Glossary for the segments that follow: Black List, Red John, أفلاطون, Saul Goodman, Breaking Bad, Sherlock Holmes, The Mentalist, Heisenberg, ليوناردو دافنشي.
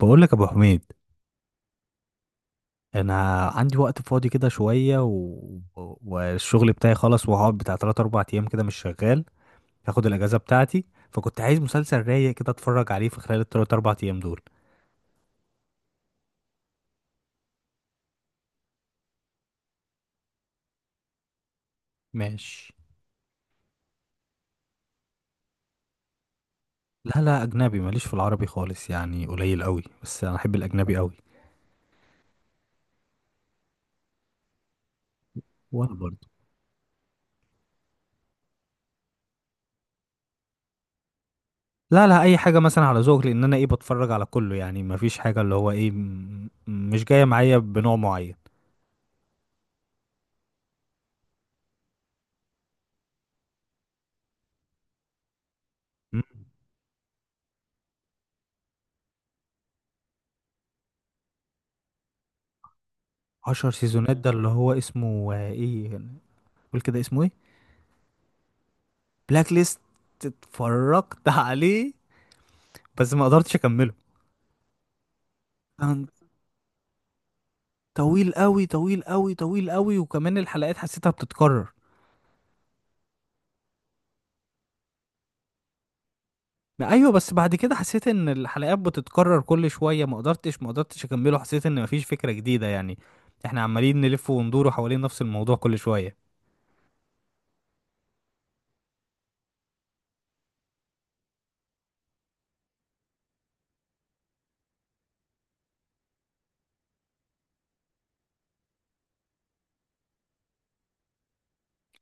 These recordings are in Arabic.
بقول لك يا ابو حميد، انا عندي وقت فاضي كده شويه و... والشغل بتاعي خلص وهقعد بتاع 3 4 ايام كده مش شغال. هاخد الاجازه بتاعتي. فكنت عايز مسلسل رايق كده اتفرج عليه في خلال ال 3 4 ايام دول. ماشي. لا، لا، اجنبي، ماليش في العربي خالص، يعني قليل قوي بس انا احب الاجنبي قوي. وانا برضه. لا، لا، اي حاجه مثلا على ذوق، لان انا ايه بتفرج على كله، يعني مفيش حاجه اللي هو ايه مش جايه معايا بنوع معين. 10 سيزونات ده اللي هو اسمه ايه، قول كده اسمه ايه. بلاك ليست. اتفرجت عليه بس ما قدرتش اكمله. كان طويل قوي طويل قوي طويل قوي، وكمان الحلقات حسيتها بتتكرر. ما ايوه، بس بعد كده حسيت ان الحلقات بتتكرر كل شويه، ما قدرتش اكمله، حسيت ان مفيش فكره جديده يعني. احنا عمالين نلف وندور حوالين نفس الموضوع كل شويه.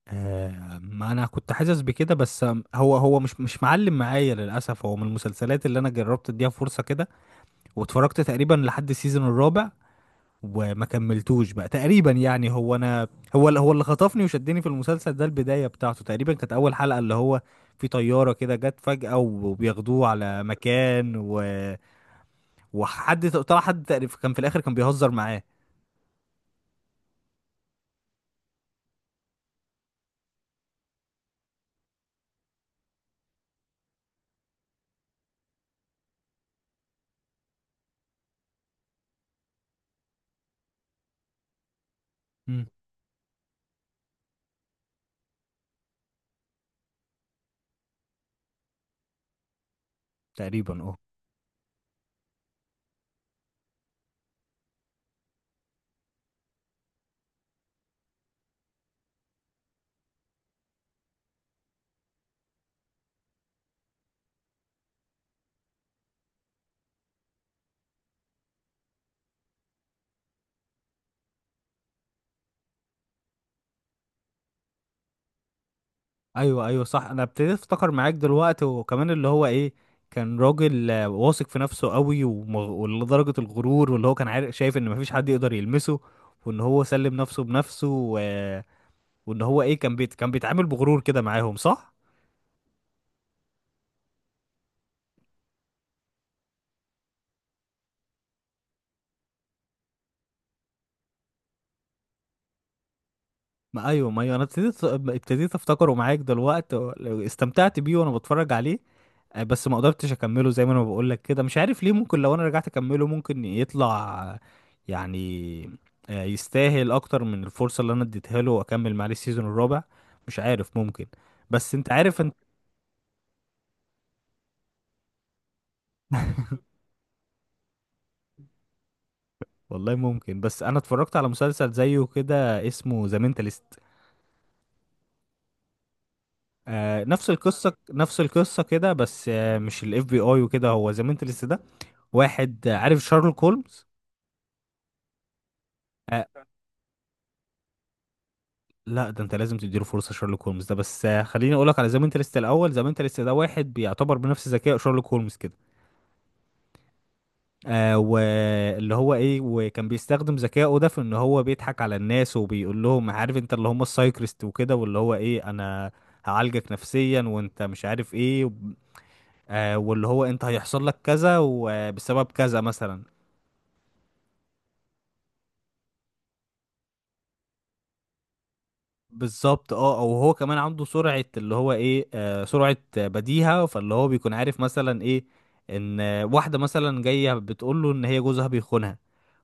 آه، ما انا كنت حاسس بكده بس. هو مش معلم معايا للاسف. هو من المسلسلات اللي انا جربت اديها فرصه كده، واتفرجت تقريبا لحد السيزون الرابع وما كملتوش بقى تقريبا. يعني هو اللي خطفني وشدني في المسلسل ده البداية بتاعته. تقريبا كانت اول حلقة اللي هو في طيارة كده جت فجأة وبياخدوه على مكان و... وحد طلع، حد تقريبا كان في الاخر كان بيهزر معاه. امم تقريبا اه. ايوه ايوه صح، انا ابتديت افتكر معاك دلوقتي. وكمان اللي هو ايه، كان راجل واثق في نفسه قوي، ولدرجة الغرور، واللي هو كان عارف شايف ان مفيش حد يقدر يلمسه، وان هو سلم نفسه بنفسه و... وان هو ايه كان كان بيتعامل بغرور كده معاهم، صح. ما ايوه ما ايوه، انا ابتديت افتكره معاك دلوقتي. استمتعت بيه وانا بتفرج عليه. بس ما قدرتش اكمله زي ما انا بقول لك كده، مش عارف ليه. ممكن لو انا رجعت اكمله ممكن يطلع يعني يستاهل اكتر من الفرصة اللي انا اديتها له واكمل معاه السيزون الرابع. مش عارف، ممكن. بس انت عارف انت. والله ممكن، بس انا اتفرجت على مسلسل زيه كده اسمه ذا مينتالست. آه نفس القصة نفس القصة كده، بس آه مش الاف بي اي وكده. هو ذا مينتالست ده واحد عارف شارلوك هولمز؟ آه لا، ده انت لازم تديله فرصة. شارلوك هولمز ده بس خليني اقولك على ذا مينتالست الاول. ذا مينتالست ده واحد بيعتبر بنفس ذكاء شارلوك هولمز كده. واللي هو ايه، وكان بيستخدم ذكائه ده في ان هو بيضحك على الناس، وبيقول لهم عارف انت اللي هم السايكريست وكده، واللي هو ايه انا هعالجك نفسيا وانت مش عارف ايه. واللي هو انت هيحصل لك كذا وبسبب كذا مثلا. بالظبط اه. او هو كمان عنده سرعة اللي هو ايه سرعة بديهة. فاللي هو بيكون عارف مثلا ايه ان واحدة مثلا جاية بتقول له ان هي جوزها بيخونها،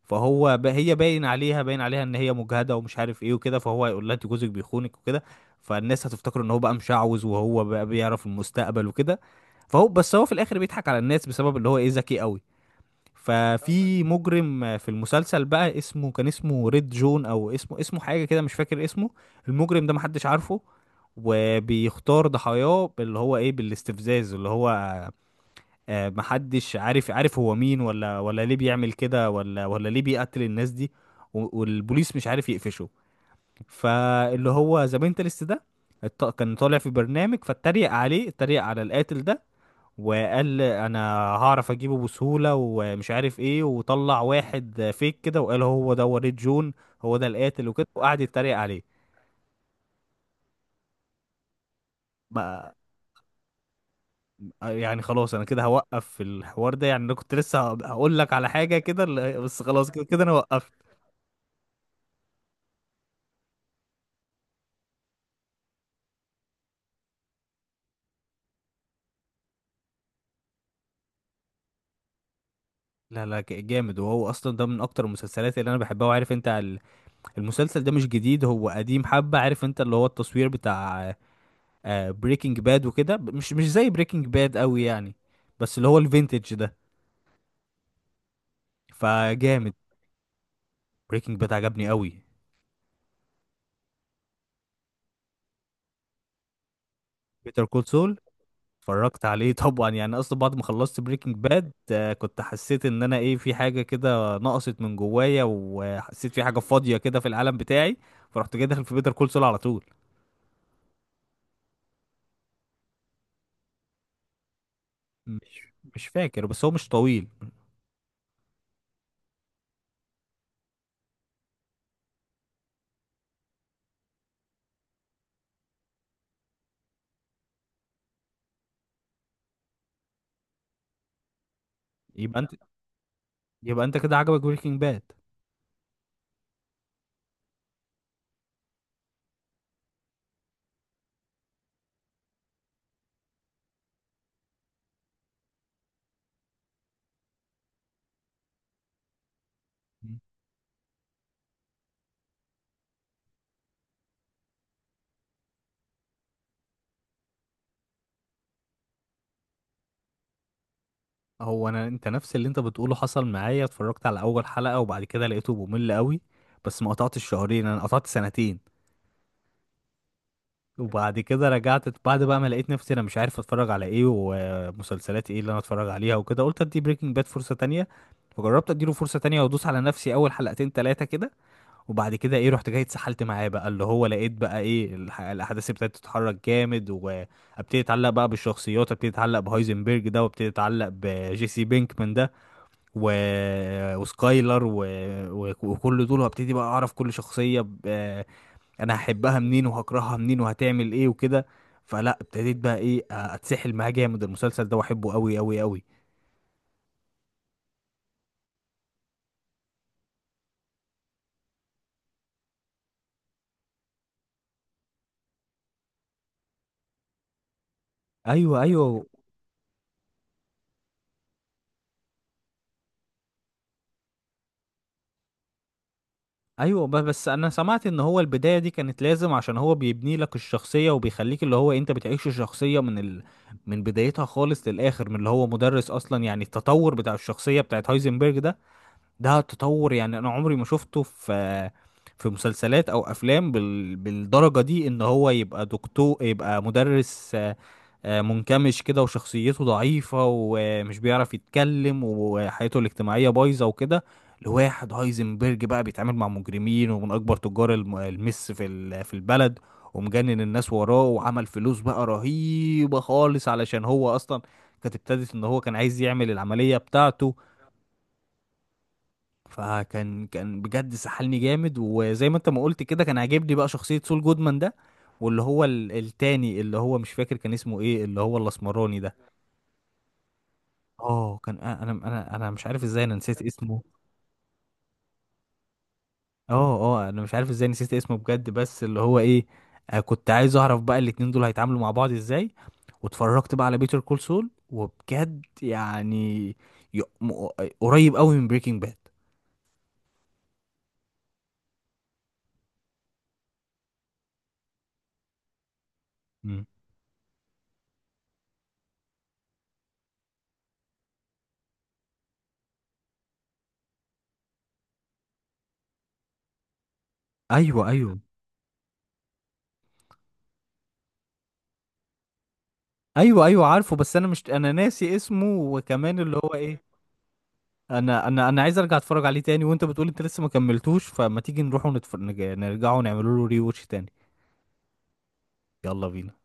فهو هي باين عليها باين عليها ان هي مجهدة ومش عارف ايه وكده، فهو هيقول لها انت جوزك بيخونك وكده. فالناس هتفتكر ان هو بقى مشعوذ وهو بقى بيعرف المستقبل وكده. فهو بس هو في الاخر بيضحك على الناس بسبب اللي هو ايه ذكي قوي. ففي مجرم في المسلسل بقى اسمه، كان اسمه ريد جون او اسمه حاجه كده مش فاكر اسمه. المجرم ده محدش عارفه، وبيختار ضحاياه اللي هو ايه بالاستفزاز. اللي هو محدش عارف، عارف هو مين ولا ليه بيعمل كده ولا ليه بيقتل الناس دي. والبوليس مش عارف يقفشه. فاللي هو ذا مينتالست ده كان طالع في برنامج فاتريق عليه، اتريق على القاتل ده، وقال انا هعرف اجيبه بسهولة ومش عارف ايه. وطلع واحد فيك كده وقال هو ده وليد جون، هو ده القاتل وكده، وقعد يتريق عليه. ما يعني خلاص، انا كده هوقف في الحوار ده. يعني انا كنت لسه هقول لك على حاجة كده بس خلاص، كده كده انا وقفت. لا لا، جامد. وهو اصلا ده من اكتر المسلسلات اللي انا بحبها. وعارف انت المسلسل ده مش جديد، هو قديم حبة. عارف انت اللي هو التصوير بتاع بريكنج باد وكده، مش زي بريكنج باد قوي يعني، بس اللي هو الفينتج ده فجامد. بريكنج باد عجبني قوي. بيتر كول سول اتفرجت عليه طبعا، يعني اصلا بعد ما خلصت بريكنج باد كنت حسيت ان انا ايه في حاجه كده نقصت من جوايا، وحسيت في حاجه فاضيه كده في العالم بتاعي، فرحت جاي داخل في بيتر كول سول على طول. مش مش فاكر بس هو مش طويل. يبقى انت، يبقى انت كده عجبك بريكنج باد. هو انا، انت نفس اللي انت بتقوله حصل معايا. اتفرجت على اول حلقه وبعد كده لقيته ممل قوي، بس ما قطعتش شهرين، انا قطعت سنتين. وبعد كده رجعت. بعد بقى ما لقيت نفسي انا مش عارف اتفرج على ايه ومسلسلات ايه اللي انا اتفرج عليها وكده، قلت ادي بريكنج باد فرصة تانية. فجربت اديله فرصة تانية وادوس على نفسي اول حلقتين تلاتة كده. وبعد كده ايه، رحت جاي اتسحلت معاه بقى. اللي هو لقيت بقى ايه الاحداث ابتدت تتحرك جامد، وابتدي اتعلق بقى بالشخصيات، ابتدي اتعلق بهايزنبرج ده، وابتدي اتعلق بجيسي بينكمان ده و... وسكايلر و... و... وكل دول. وابتدي بقى اعرف كل شخصية انا هحبها منين وهكرهها منين وهتعمل ايه وكده. فلا ابتديت بقى ايه اتسحل معاه جامد المسلسل ده، واحبه قوي قوي قوي. ايوه ايوه ايوه بس انا سمعت ان هو البدايه دي كانت لازم، عشان هو بيبني لك الشخصيه وبيخليك اللي هو انت بتعيش الشخصيه من من بدايتها خالص للاخر. من اللي هو مدرس اصلا، يعني التطور بتاع الشخصيه بتاعت هايزنبرج ده، ده تطور يعني انا عمري ما شفته في في مسلسلات او افلام بالدرجة دي. ان هو يبقى دكتور، يبقى مدرس منكمش كده وشخصيته ضعيفة ومش بيعرف يتكلم وحياته الاجتماعية بايظة وكده، لواحد هايزنبرج بقى بيتعامل مع مجرمين ومن أكبر تجار المس في في البلد، ومجنن الناس وراه، وعمل فلوس بقى رهيبة خالص. علشان هو أصلا كانت ابتدت إن هو كان عايز يعمل العملية بتاعته. فكان بجد سحلني جامد. وزي ما انت ما قلت كده، كان عاجبني بقى شخصية سول جودمان ده، واللي هو التاني اللي هو مش فاكر كان اسمه ايه، اللي هو الاسمراني ده. اه كان، انا مش عارف ازاي انا نسيت اسمه. اه اه، مش عارف ازاي نسيت اسمه بجد. بس اللي هو ايه كنت عايز اعرف بقى الاتنين دول هيتعاملوا مع بعض ازاي. واتفرجت بقى على بيتر كول سول وبجد يعني ي- م- قريب قوي من بريكنج باد. ايوه ايوه. ايوه ايوه عارفه، بس انا مش انا ناسي اسمه. وكمان اللي هو ايه انا عايز ارجع اتفرج عليه تاني. وانت بتقول انت لسه ما كملتوش، فما تيجي نروح ونتفرج نرجعه ونعمله له ري واتش تاني. يلا بينا.